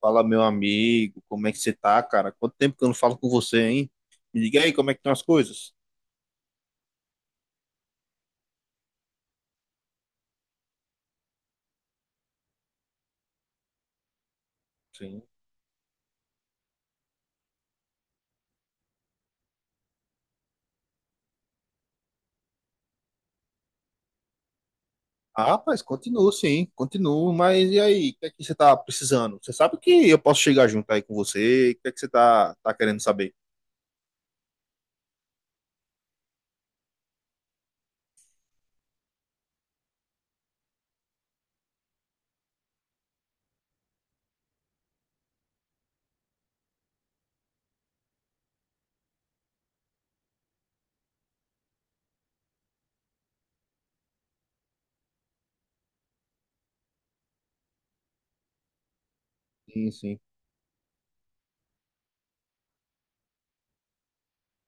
Fala, meu amigo, como é que você tá, cara? Quanto tempo que eu não falo com você, hein? Me diga aí como é que estão as coisas. Sim. Ah, rapaz, continuo, sim, continuo, mas e aí, o que é que você tá precisando? Você sabe que eu posso chegar junto aí com você, o que é que você tá querendo saber? Sim, sim.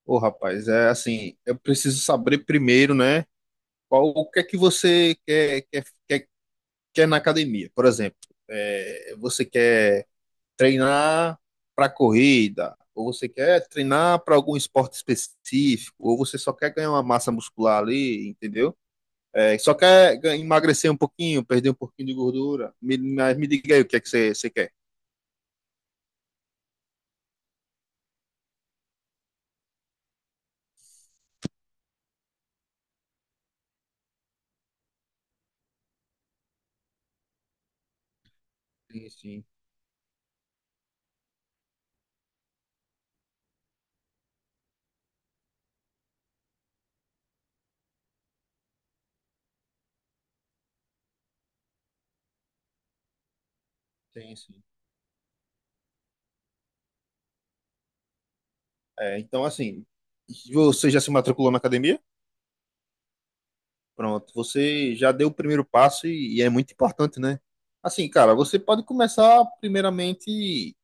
Ô, rapaz, é assim, eu preciso saber primeiro, né? Qual, o que é que você quer na academia? Por exemplo, é, você quer treinar para corrida, ou você quer treinar para algum esporte específico, ou você só quer ganhar uma massa muscular ali, entendeu? É, emagrecer um pouquinho, perder um pouquinho de gordura. Mas me diga aí o que é que você quer. Sim, sim, sim, sim. É, então, assim, você já se matriculou na academia? Pronto, você já deu o primeiro passo e é muito importante, né? Assim, cara, você pode começar primeiramente,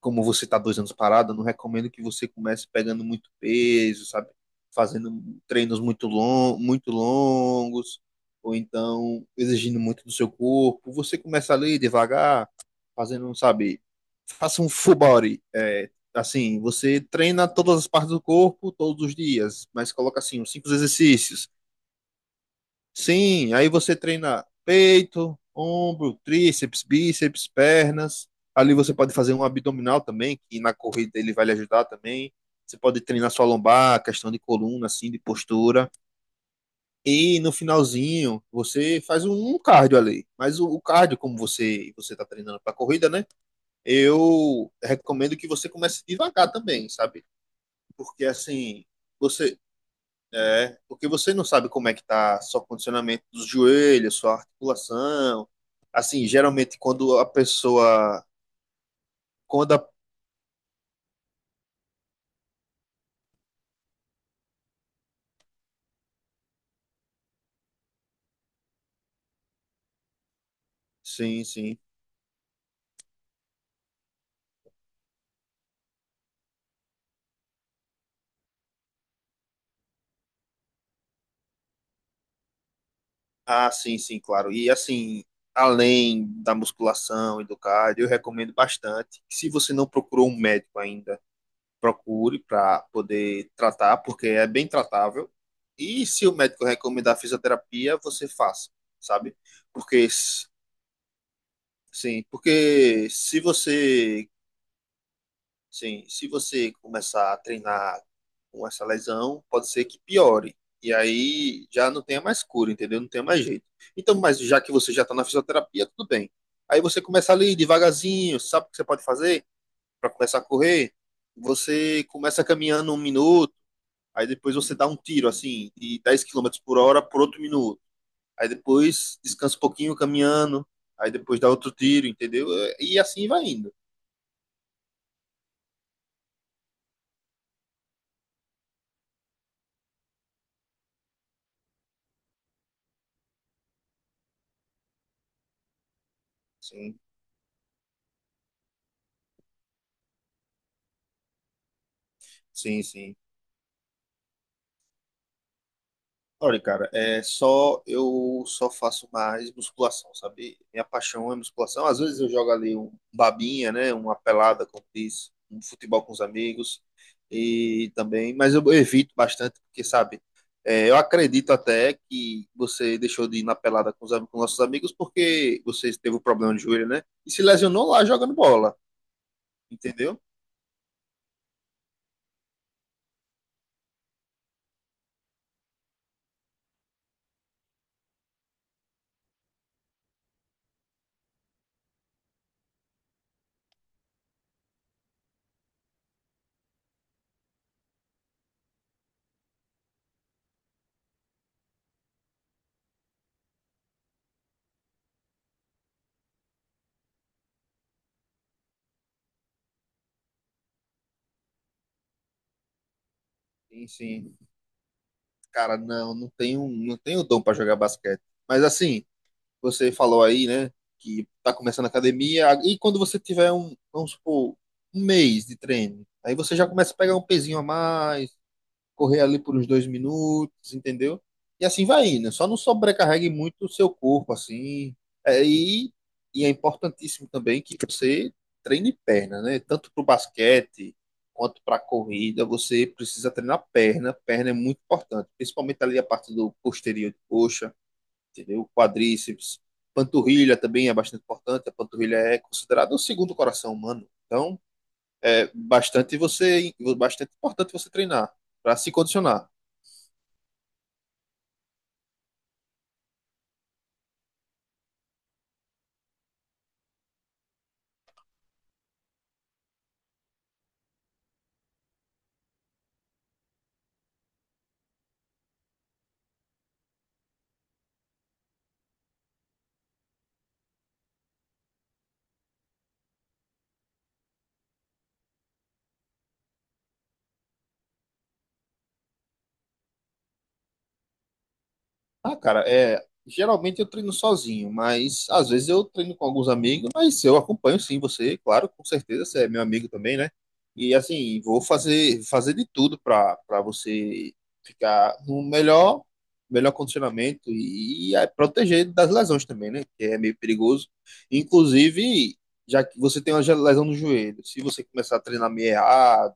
como você está 2 anos parado, eu não recomendo que você comece pegando muito peso, sabe? Fazendo treinos muito longos, ou então exigindo muito do seu corpo. Você começa ali devagar, fazendo, sabe? Faça um full body. É, assim, você treina todas as partes do corpo todos os dias, mas coloca assim, uns cinco exercícios. Sim, aí você treina peito, ombro, tríceps, bíceps, pernas. Ali você pode fazer um abdominal também, que na corrida ele vai lhe ajudar também. Você pode treinar sua lombar, questão de coluna, assim, de postura. E no finalzinho, você faz um cardio ali. Mas o cardio, como você está treinando para corrida, né? Eu recomendo que você comece devagar também, sabe? Porque assim, você porque você não sabe como é que tá seu condicionamento dos joelhos, sua articulação. Assim, geralmente quando a pessoa, quando a, sim, sim. Ah, sim, sim, claro. E assim, além da musculação e do cardio, eu recomendo bastante. Se você não procurou um médico ainda, procure para poder tratar, porque é bem tratável. E se o médico recomendar fisioterapia, você faça, sabe? Porque sim, porque se você. Sim, se você começar a treinar com essa lesão, pode ser que piore. E aí já não tenha mais cura, entendeu? Não tenha mais jeito. Então, mas já que você já está na fisioterapia, tudo bem. Aí você começa ali devagarzinho. Sabe o que você pode fazer para começar a correr? Você começa caminhando 1 minuto, aí depois você dá um tiro assim, de 10 quilômetros por hora por outro minuto. Aí depois descansa um pouquinho caminhando, aí depois dá outro tiro, entendeu? E assim vai indo. Sim, sim, sim. Olha, cara, é só eu só faço mais musculação, sabe? Minha paixão é musculação. Às vezes eu jogo ali um babinha, né? Uma pelada, como diz, um futebol com os amigos, e também, mas eu evito bastante porque, sabe, é, eu acredito até que você deixou de ir na pelada com com nossos amigos porque você teve um problema de joelho, né? E se lesionou lá jogando bola, entendeu? Sim, sim. Cara, não, não tenho, não tenho dom para jogar basquete. Mas assim, você falou aí, né? Que tá começando a academia. E quando você tiver um, vamos supor, 1 mês de treino, aí você já começa a pegar um pezinho a mais, correr ali por uns 2 minutos, entendeu? E assim vai indo. Só não sobrecarregue muito o seu corpo, assim. É, e é importantíssimo também que você treine perna, né? Tanto pro basquete quanto para corrida, você precisa treinar perna. Perna é muito importante, principalmente ali a parte do posterior de coxa, entendeu? Quadríceps, panturrilha também é bastante importante. A panturrilha é considerada o segundo coração humano. Então, é bastante você, bastante importante você treinar para se condicionar. Ah, cara, é, geralmente eu treino sozinho, mas às vezes eu treino com alguns amigos, mas eu acompanho sim você, claro, com certeza você é meu amigo também, né? E assim, vou fazer de tudo para você ficar no melhor, condicionamento e proteger das lesões também, né? Que é meio perigoso. Inclusive, já que você tem uma lesão no joelho, se você começar a treinar meio errado,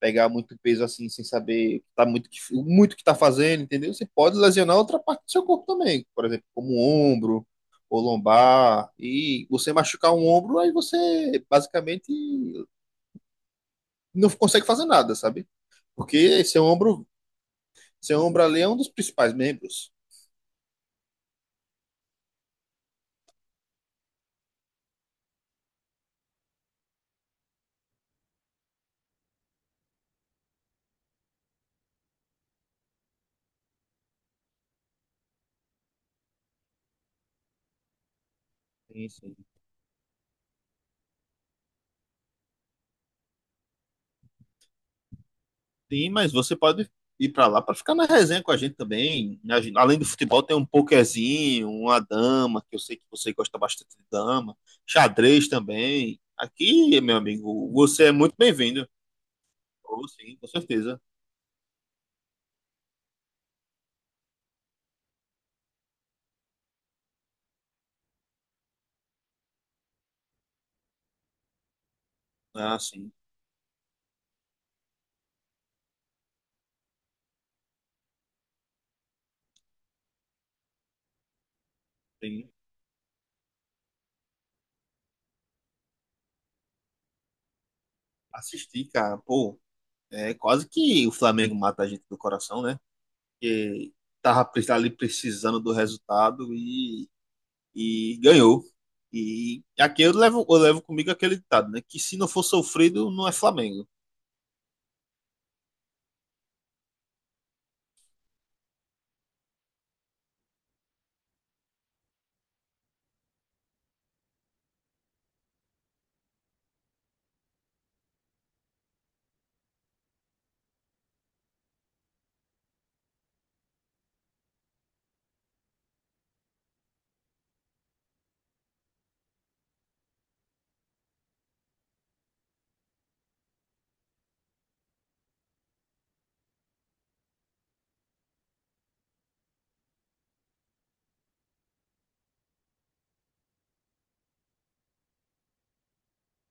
pegar muito peso assim, sem saber tá muito, muito que tá fazendo, entendeu? Você pode lesionar outra parte do seu corpo também, por exemplo, como o ombro ou lombar, e você machucar um ombro, aí você basicamente não consegue fazer nada, sabe? Porque seu ombro ali é um dos principais membros. Sim, sim. Sim, mas você pode ir para lá para ficar na resenha com a gente também. A gente, além do futebol, tem um pokerzinho, uma dama, que eu sei que você gosta bastante de dama, xadrez também. Aqui, meu amigo, você é muito bem-vindo. Oh, sim, com certeza. Ah, sim, sim. Assistir, cara, pô, é quase que o Flamengo mata a gente do coração, né? Porque tava ali precisando do resultado e ganhou. E aqui eu levo comigo aquele ditado, né? Que se não for sofrido, não é Flamengo.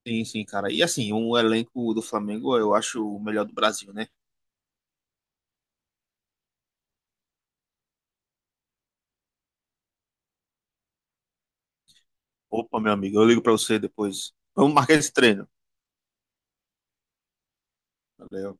Sim, sim, cara. E assim, o elenco do Flamengo eu acho o melhor do Brasil, né? Opa, meu amigo, eu ligo pra você depois. Vamos marcar esse treino. Valeu.